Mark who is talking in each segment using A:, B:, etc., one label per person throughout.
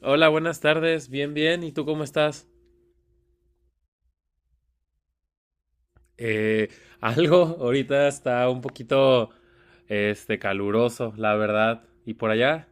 A: Hola, buenas tardes. Bien, bien. ¿Y tú cómo estás? Eh, algo, ahorita está un poquito, caluroso, la verdad. ¿Y por allá?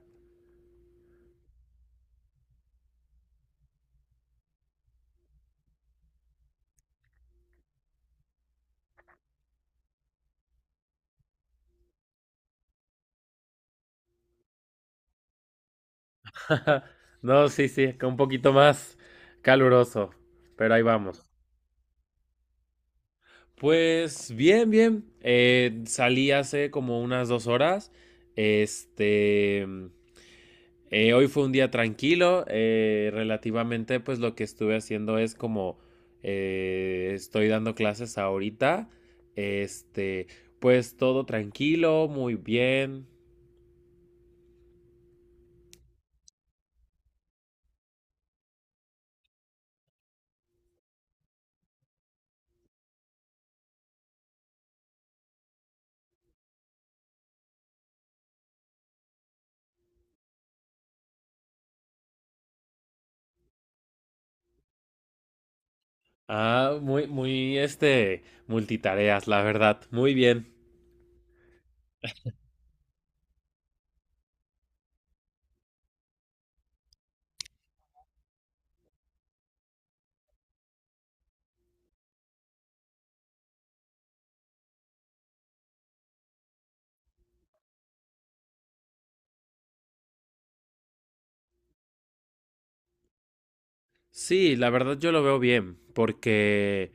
A: No, sí, sí, que un poquito más caluroso, pero ahí vamos. Pues bien, bien. Salí hace como unas dos horas. Este, hoy fue un día tranquilo, relativamente pues lo que estuve haciendo es como estoy dando clases ahorita, este, pues todo tranquilo, muy bien. Ah, muy, muy, multitareas, la verdad, muy bien. Sí, la verdad yo lo veo bien, porque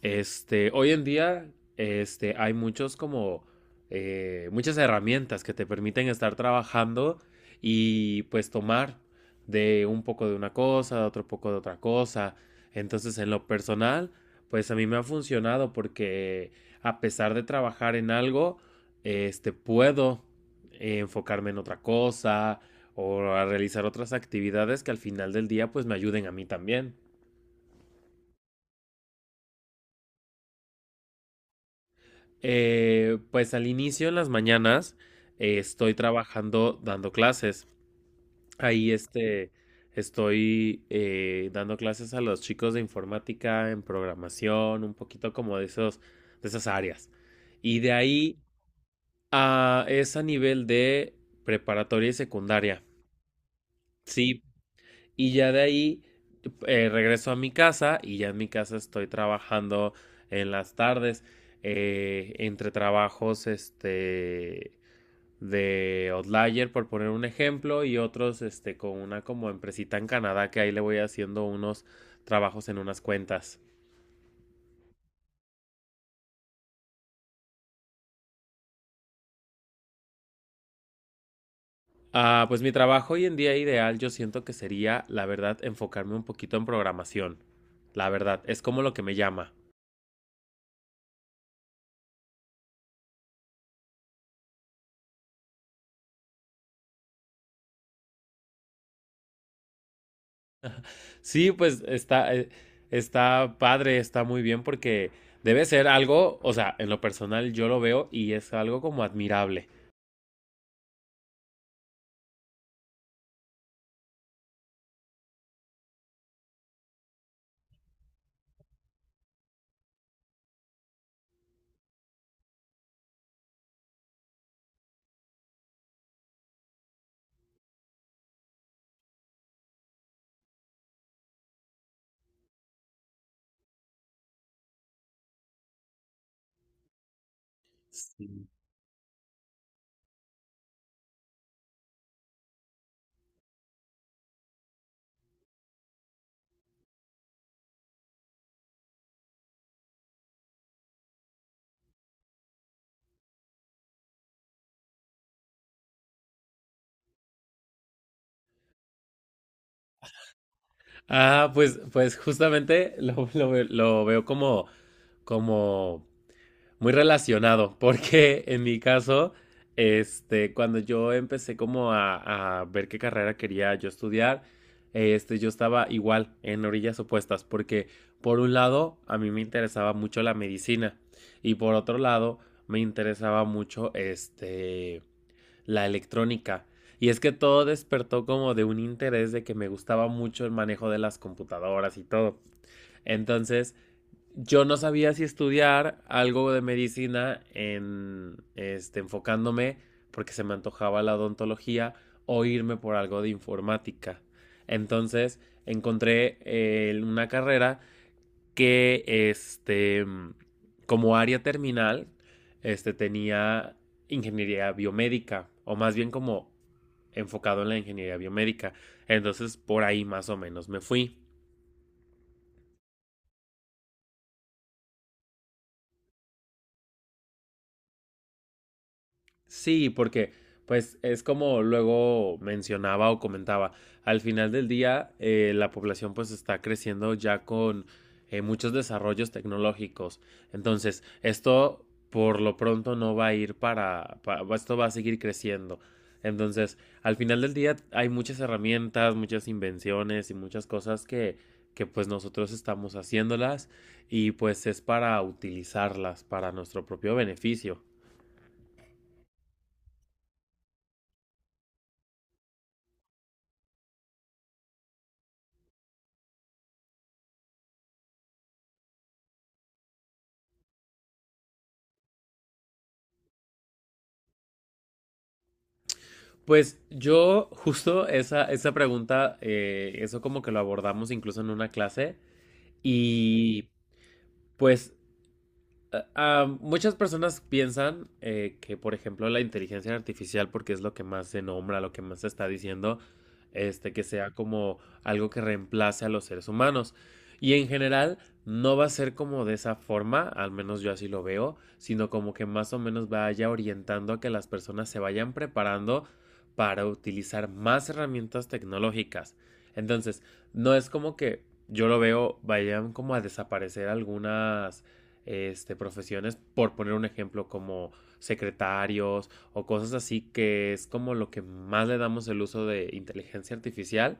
A: hoy en día hay muchos como muchas herramientas que te permiten estar trabajando y pues tomar de un poco de una cosa, de otro poco de otra cosa. Entonces, en lo personal, pues a mí me ha funcionado porque a pesar de trabajar en algo, puedo enfocarme en otra cosa, o a realizar otras actividades que al final del día pues me ayuden a mí también. Pues al inicio en las mañanas estoy trabajando dando clases. Ahí estoy dando clases a los chicos de informática, en programación, un poquito como de esos, de esas áreas. Y de ahí es a nivel de preparatoria y secundaria. Sí, y ya de ahí regreso a mi casa y ya en mi casa estoy trabajando en las tardes, entre trabajos de Outlier, por poner un ejemplo, y otros con una como empresita en Canadá que ahí le voy haciendo unos trabajos en unas cuentas. Ah, pues mi trabajo hoy en día ideal yo siento que sería, la verdad, enfocarme un poquito en programación. La verdad, es como lo que me llama. Sí, pues está, está padre, está muy bien porque debe ser algo, o sea, en lo personal yo lo veo y es algo como admirable. Sí. Ah, pues, pues justamente lo veo como, como muy relacionado, porque en mi caso, cuando yo empecé como a ver qué carrera quería yo estudiar, yo estaba igual en orillas opuestas, porque por un lado a mí me interesaba mucho la medicina y por otro lado me interesaba mucho la electrónica. Y es que todo despertó como de un interés de que me gustaba mucho el manejo de las computadoras y todo. Entonces, yo no sabía si estudiar algo de medicina en, enfocándome porque se me antojaba la odontología o irme por algo de informática. Entonces encontré una carrera que, como área terminal, tenía ingeniería biomédica o más bien como enfocado en la ingeniería biomédica. Entonces por ahí más o menos me fui. Sí, porque pues es como luego mencionaba o comentaba, al final del día la población pues está creciendo ya con muchos desarrollos tecnológicos. Entonces, esto por lo pronto no va a ir esto va a seguir creciendo. Entonces, al final del día hay muchas herramientas, muchas invenciones y muchas cosas que pues nosotros estamos haciéndolas y pues es para utilizarlas para nuestro propio beneficio. Pues yo justo esa, esa pregunta, eso como que lo abordamos incluso en una clase y pues muchas personas piensan que, por ejemplo, la inteligencia artificial, porque es lo que más se nombra, lo que más se está diciendo, que sea como algo que reemplace a los seres humanos. Y en general no va a ser como de esa forma, al menos yo así lo veo, sino como que más o menos vaya orientando a que las personas se vayan preparando para utilizar más herramientas tecnológicas. Entonces, no es como que yo lo veo, vayan como a desaparecer algunas profesiones, por poner un ejemplo como secretarios o cosas así, que es como lo que más le damos el uso de inteligencia artificial,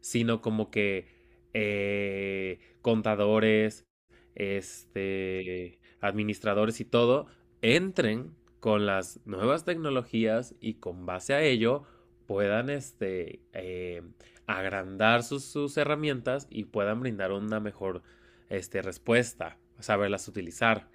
A: sino como que contadores, administradores y todo, entren con las nuevas tecnologías y con base a ello puedan agrandar sus, sus herramientas y puedan brindar una mejor respuesta, saberlas utilizar.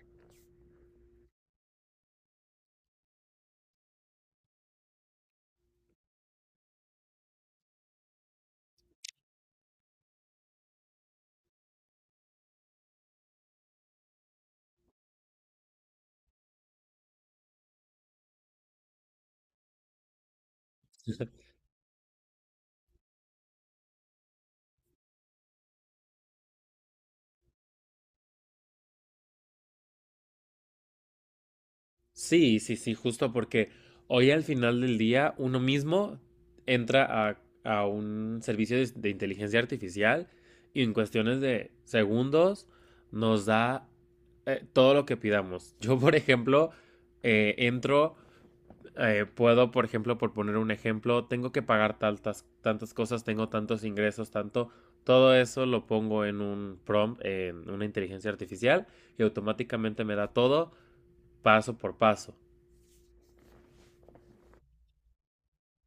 A: Sí, sí, sí, justo porque hoy al final del día uno mismo entra a un servicio de inteligencia artificial y en cuestiones de segundos nos da todo lo que pidamos. Yo, por ejemplo, entro, puedo, por ejemplo, por poner un ejemplo, tengo que pagar tantas, tantas cosas, tengo tantos ingresos, tanto, todo eso lo pongo en un prompt, en una inteligencia artificial y automáticamente me da todo paso por paso.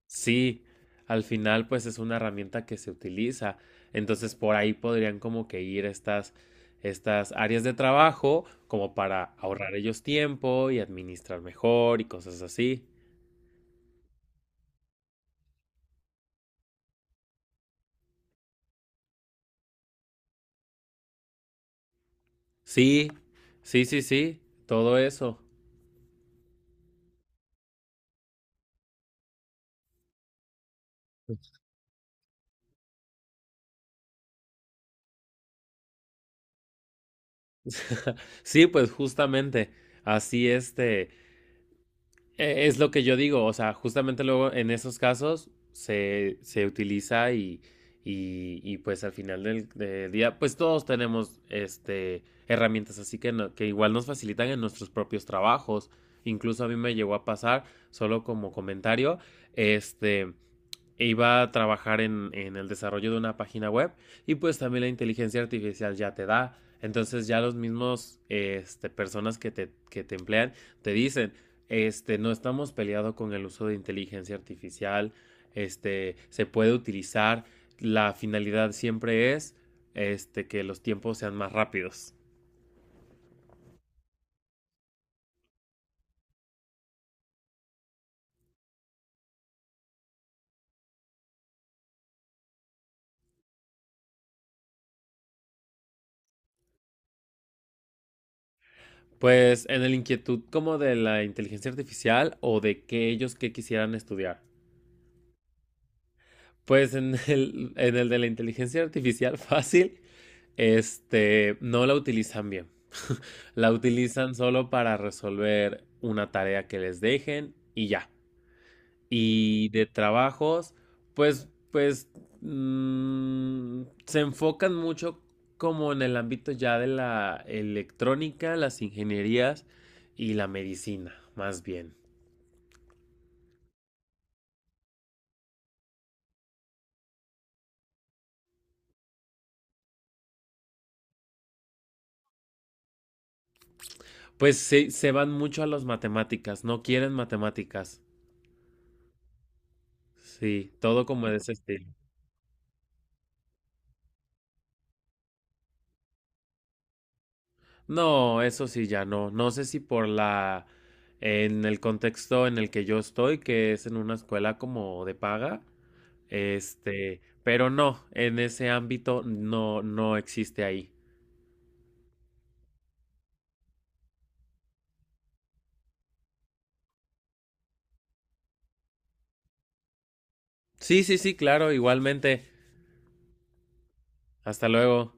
A: Sí, al final pues es una herramienta que se utiliza, entonces por ahí podrían como que ir estas, estas áreas de trabajo como para ahorrar ellos tiempo y administrar mejor y cosas así. Sí, sí, sí, sí, todo eso. Sí, pues justamente, así es lo que yo digo, o sea, justamente luego en esos casos se, se utiliza y, pues al final del, del día, pues todos tenemos herramientas así que, que igual nos facilitan en nuestros propios trabajos, incluso a mí me llegó a pasar, solo como comentario, este e iba a trabajar en el desarrollo de una página web y pues también la inteligencia artificial ya te da. Entonces ya los mismos personas que te emplean te dicen, no estamos peleados con el uso de inteligencia artificial, se puede utilizar, la finalidad siempre es que los tiempos sean más rápidos. Pues en la inquietud como de la inteligencia artificial o de que ellos que quisieran estudiar. Pues en el de la inteligencia artificial fácil, no la utilizan bien. La utilizan solo para resolver una tarea que les dejen y ya. Y de trabajos, pues, pues, mm, se enfocan mucho como en el ámbito ya de la electrónica, las ingenierías y la medicina, más bien. Pues se van mucho a las matemáticas, no quieren matemáticas. Sí, todo como de ese estilo. No, eso sí, ya no. No sé si por la, en el contexto en el que yo estoy, que es en una escuela como de paga, pero no, en ese ámbito no, no existe ahí. Sí, sí, sí, claro, igualmente. Hasta luego.